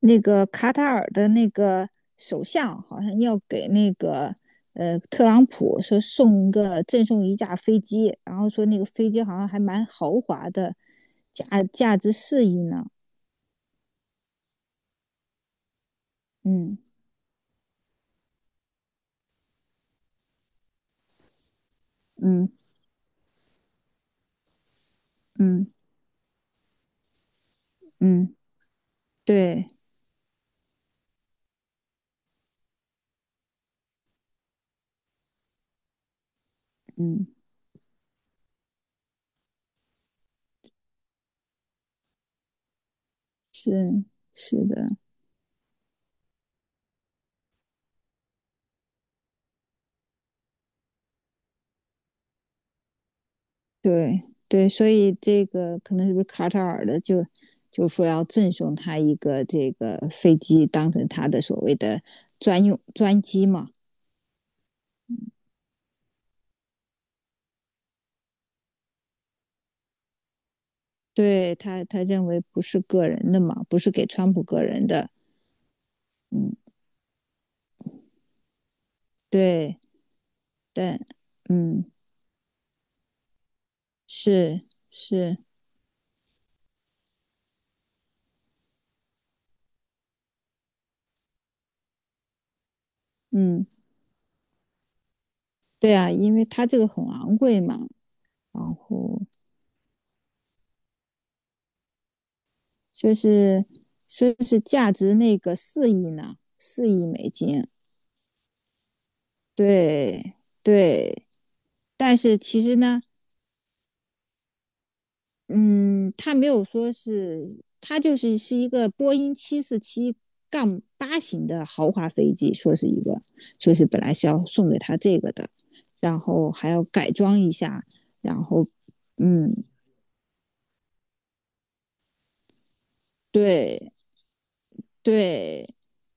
那个卡塔尔的那个首相好像要给那个特朗普说赠送一架飞机，然后说那个飞机好像还蛮豪华的，价值四亿呢。嗯嗯嗯嗯，对，嗯，是是的，对对，所以这个可能是不是卡塔尔的就说要赠送他一个这个飞机，当成他的所谓的专机嘛。对他认为不是个人的嘛，不是给川普个人的。对，但嗯，是是，嗯，对啊，因为他这个很昂贵嘛，然后就是说是价值那个四亿呢，4亿美金。对对，但是其实呢，嗯，他没有说是，他就是一个波音747杠八型的豪华飞机，说是本来是要送给他这个的，然后还要改装一下，然后，嗯，对对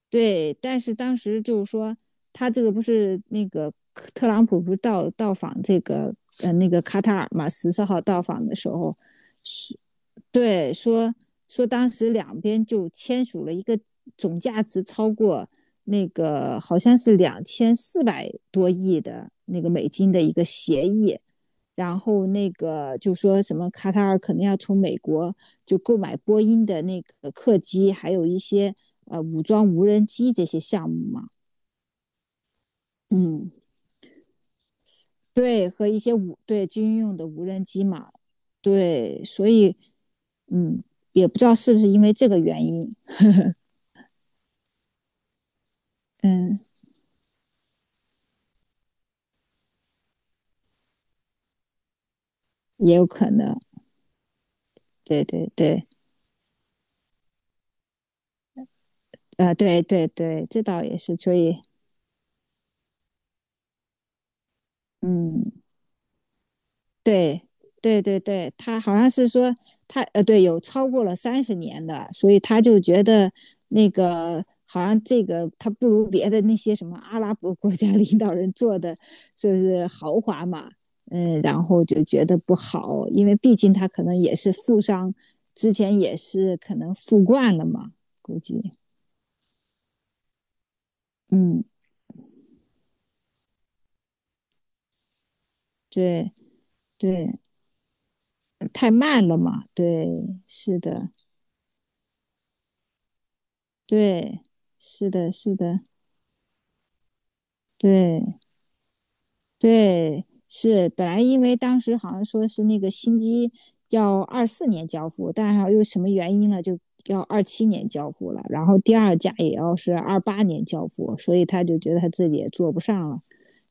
对，但是当时就是说，他这个不是那个特朗普不是到访这个那个卡塔尔嘛，14号到访的时候，对，说当时两边就签署了一个总价值超过那个好像是2400多亿的那个美金的一个协议，然后那个就说什么卡塔尔可能要从美国就购买波音的那个客机，还有一些武装无人机这些项目嘛，嗯，对，和一些对军用的无人机嘛，对，所以嗯，也不知道是不是因为这个原因，嗯。也有可能，对对对，对对对，这倒也是，所以，嗯，对对对对，他好像是说他对，有超过了30年的，所以他就觉得那个好像这个他不如别的那些什么阿拉伯国家领导人做的就是豪华嘛，嗯，然后就觉得不好，因为毕竟他可能也是富商，之前也是可能富惯了嘛，估计，嗯，对对。太慢了嘛。对，是的，对，是的，是的，对。对，是本来因为当时好像说是那个新机要24年交付，但是又什么原因呢，就要27年交付了，然后第二架也要是28年交付，所以他就觉得他自己也坐不上了，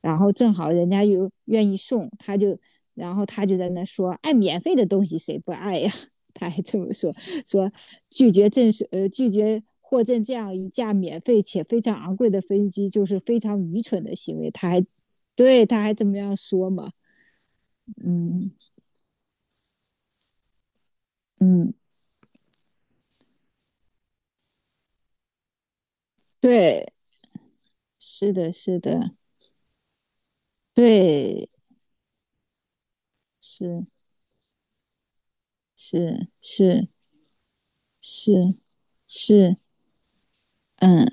然后正好人家又愿意送，他就，然后他就在那说，爱免费的东西谁不爱呀？他还这么说，说拒绝获赠这样一架免费且非常昂贵的飞机，就是非常愚蠢的行为。对，他还这么样说嘛？嗯嗯，对，是的，是的，对，是是是是是，嗯，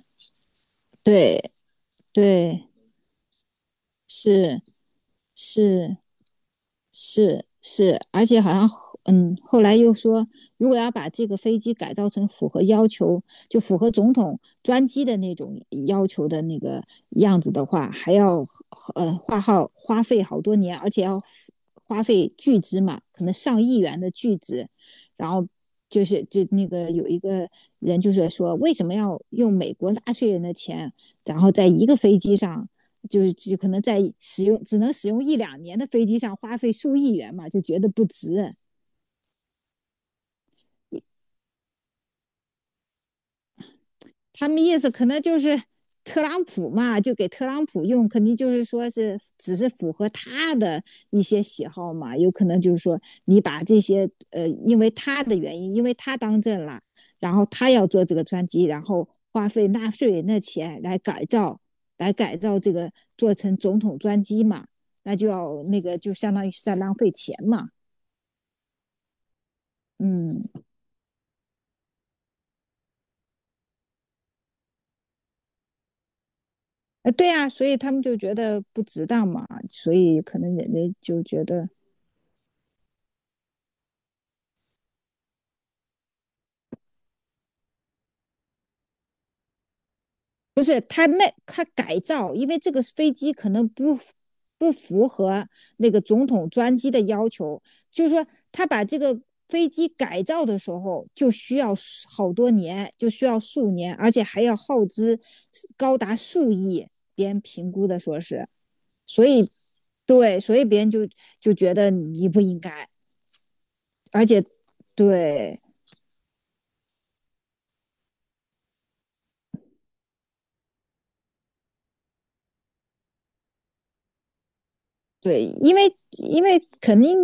对对，是是是是，而且好像嗯，后来又说，如果要把这个飞机改造成符合要求，就符合总统专机的那种要求的那个样子的话，还要花费好多年，而且要花费巨资嘛，可能上亿元的巨资，然后。就是就那个有一个人就是说，为什么要用美国纳税人的钱，然后在一个飞机上就是就可能在只能使用一两年的飞机上花费数亿元嘛，就觉得不值。他们意思可能就是特朗普嘛，就给特朗普用，肯定就是说是只是符合他的一些喜好嘛，有可能就是说你把这些因为他的原因，因为他当政了，然后他要做这个专机，然后花费纳税人的钱来改造，这个做成总统专机嘛，那就要那个就相当于是在浪费钱嘛，嗯。对啊，所以他们就觉得不值当嘛，所以可能人家就觉得不是他那他改造，因为这个飞机可能不符合那个总统专机的要求，就是说他把这个飞机改造的时候就需要好多年，就需要数年，而且还要耗资高达数亿，别人评估的说是，所以对，所以别人就觉得你不应该，而且对。对，因为肯定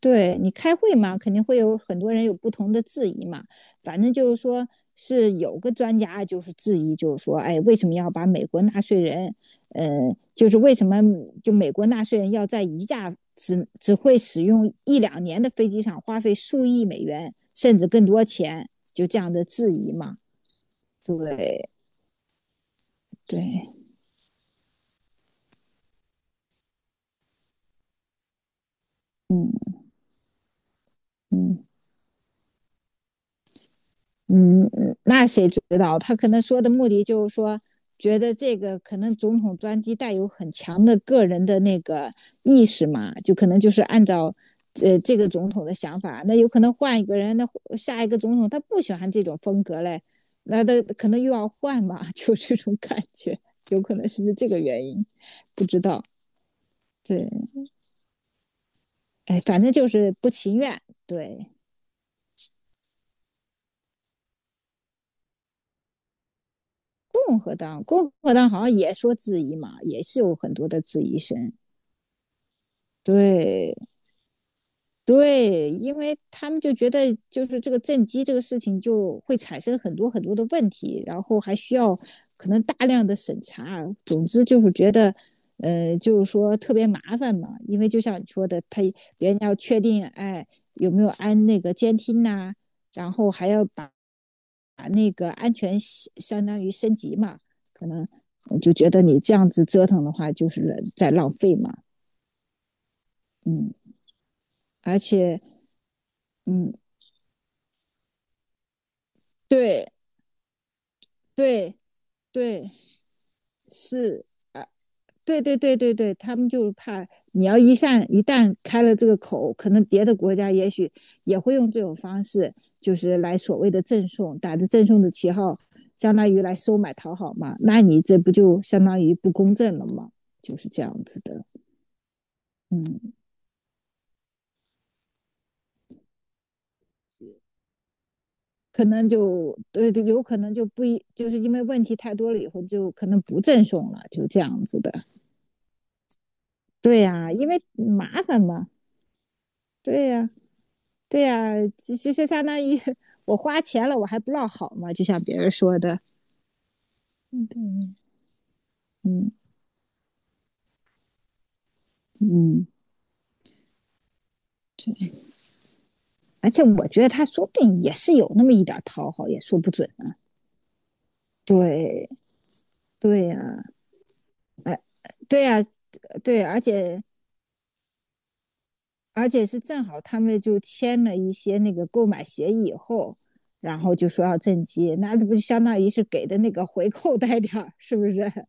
对你开会嘛，肯定会有很多人有不同的质疑嘛。反正就是说是有个专家就是质疑，就是说，哎，为什么要把美国纳税人，呃，就是为什么就美国纳税人要在一架只会使用一两年的飞机上花费数亿美元甚至更多钱，就这样的质疑嘛？对对，嗯嗯。嗯，嗯那谁知道？他可能说的目的就是说，觉得这个可能总统专机带有很强的个人的那个意识嘛，就可能就是按照这个总统的想法，那有可能换一个人，那下一个总统他不喜欢这种风格嘞，那他可能又要换嘛，就这种感觉，有可能是不是这个原因？不知道。对，哎，反正就是不情愿。对，共和党好像也说质疑嘛，也是有很多的质疑声。对对，因为他们就觉得就是这个正畸这个事情就会产生很多很多的问题，然后还需要可能大量的审查。总之就是觉得，就是说特别麻烦嘛，因为就像你说的，他别人要确定哎有没有安那个监听呐、然后还要把那个安全系相当于升级嘛，我就觉得你这样子折腾的话就是在浪费嘛，嗯，而且嗯对。对对，是啊，对对对对对，他们就是怕你要一旦开了这个口，可能别的国家也许也会用这种方式，就是来所谓的赠送，打着赠送的旗号，相当于来收买讨好嘛，那你这不就相当于不公正了吗？就是这样子的，嗯，可能就对，有可能就不一，就是因为问题太多了以后，就可能不赠送了，就这样子的。对呀、因为麻烦嘛。对呀、对呀、其实相当于我花钱了，我还不落好嘛，就像别人说的，嗯，对，嗯嗯，而且我觉得他说不定也是有那么一点讨好，也说不准呢。对对呀、对呀、对，而且是正好他们就签了一些那个购买协议以后，然后就说要赈济，那这不就相当于是给的那个回扣带点儿，是不是？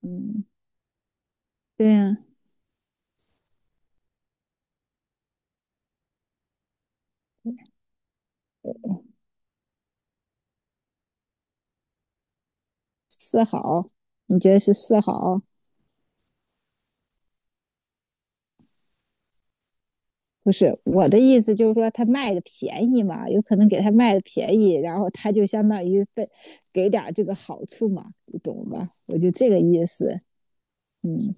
嗯，对呀、四好，你觉得是四好？不是我的意思，就是说他卖的便宜嘛，有可能给他卖的便宜，然后他就相当于被给点这个好处嘛，你懂吧？我就这个意思，嗯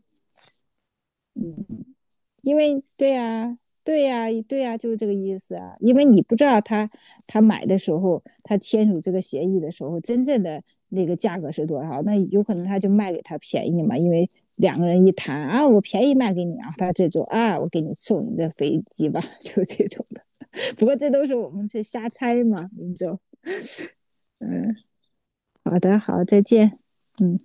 嗯，因为对呀、对呀、啊对呀、啊就是这个意思啊，因为你不知道他买的时候，他签署这个协议的时候，真正的那个价格是多少，那有可能他就卖给他便宜嘛，因为。两个人一谈啊，我便宜卖给你啊，他这种啊，我给你送你个飞机吧，就这种的。不过这都是我们去瞎猜嘛，我们就嗯，好的，好，再见，嗯。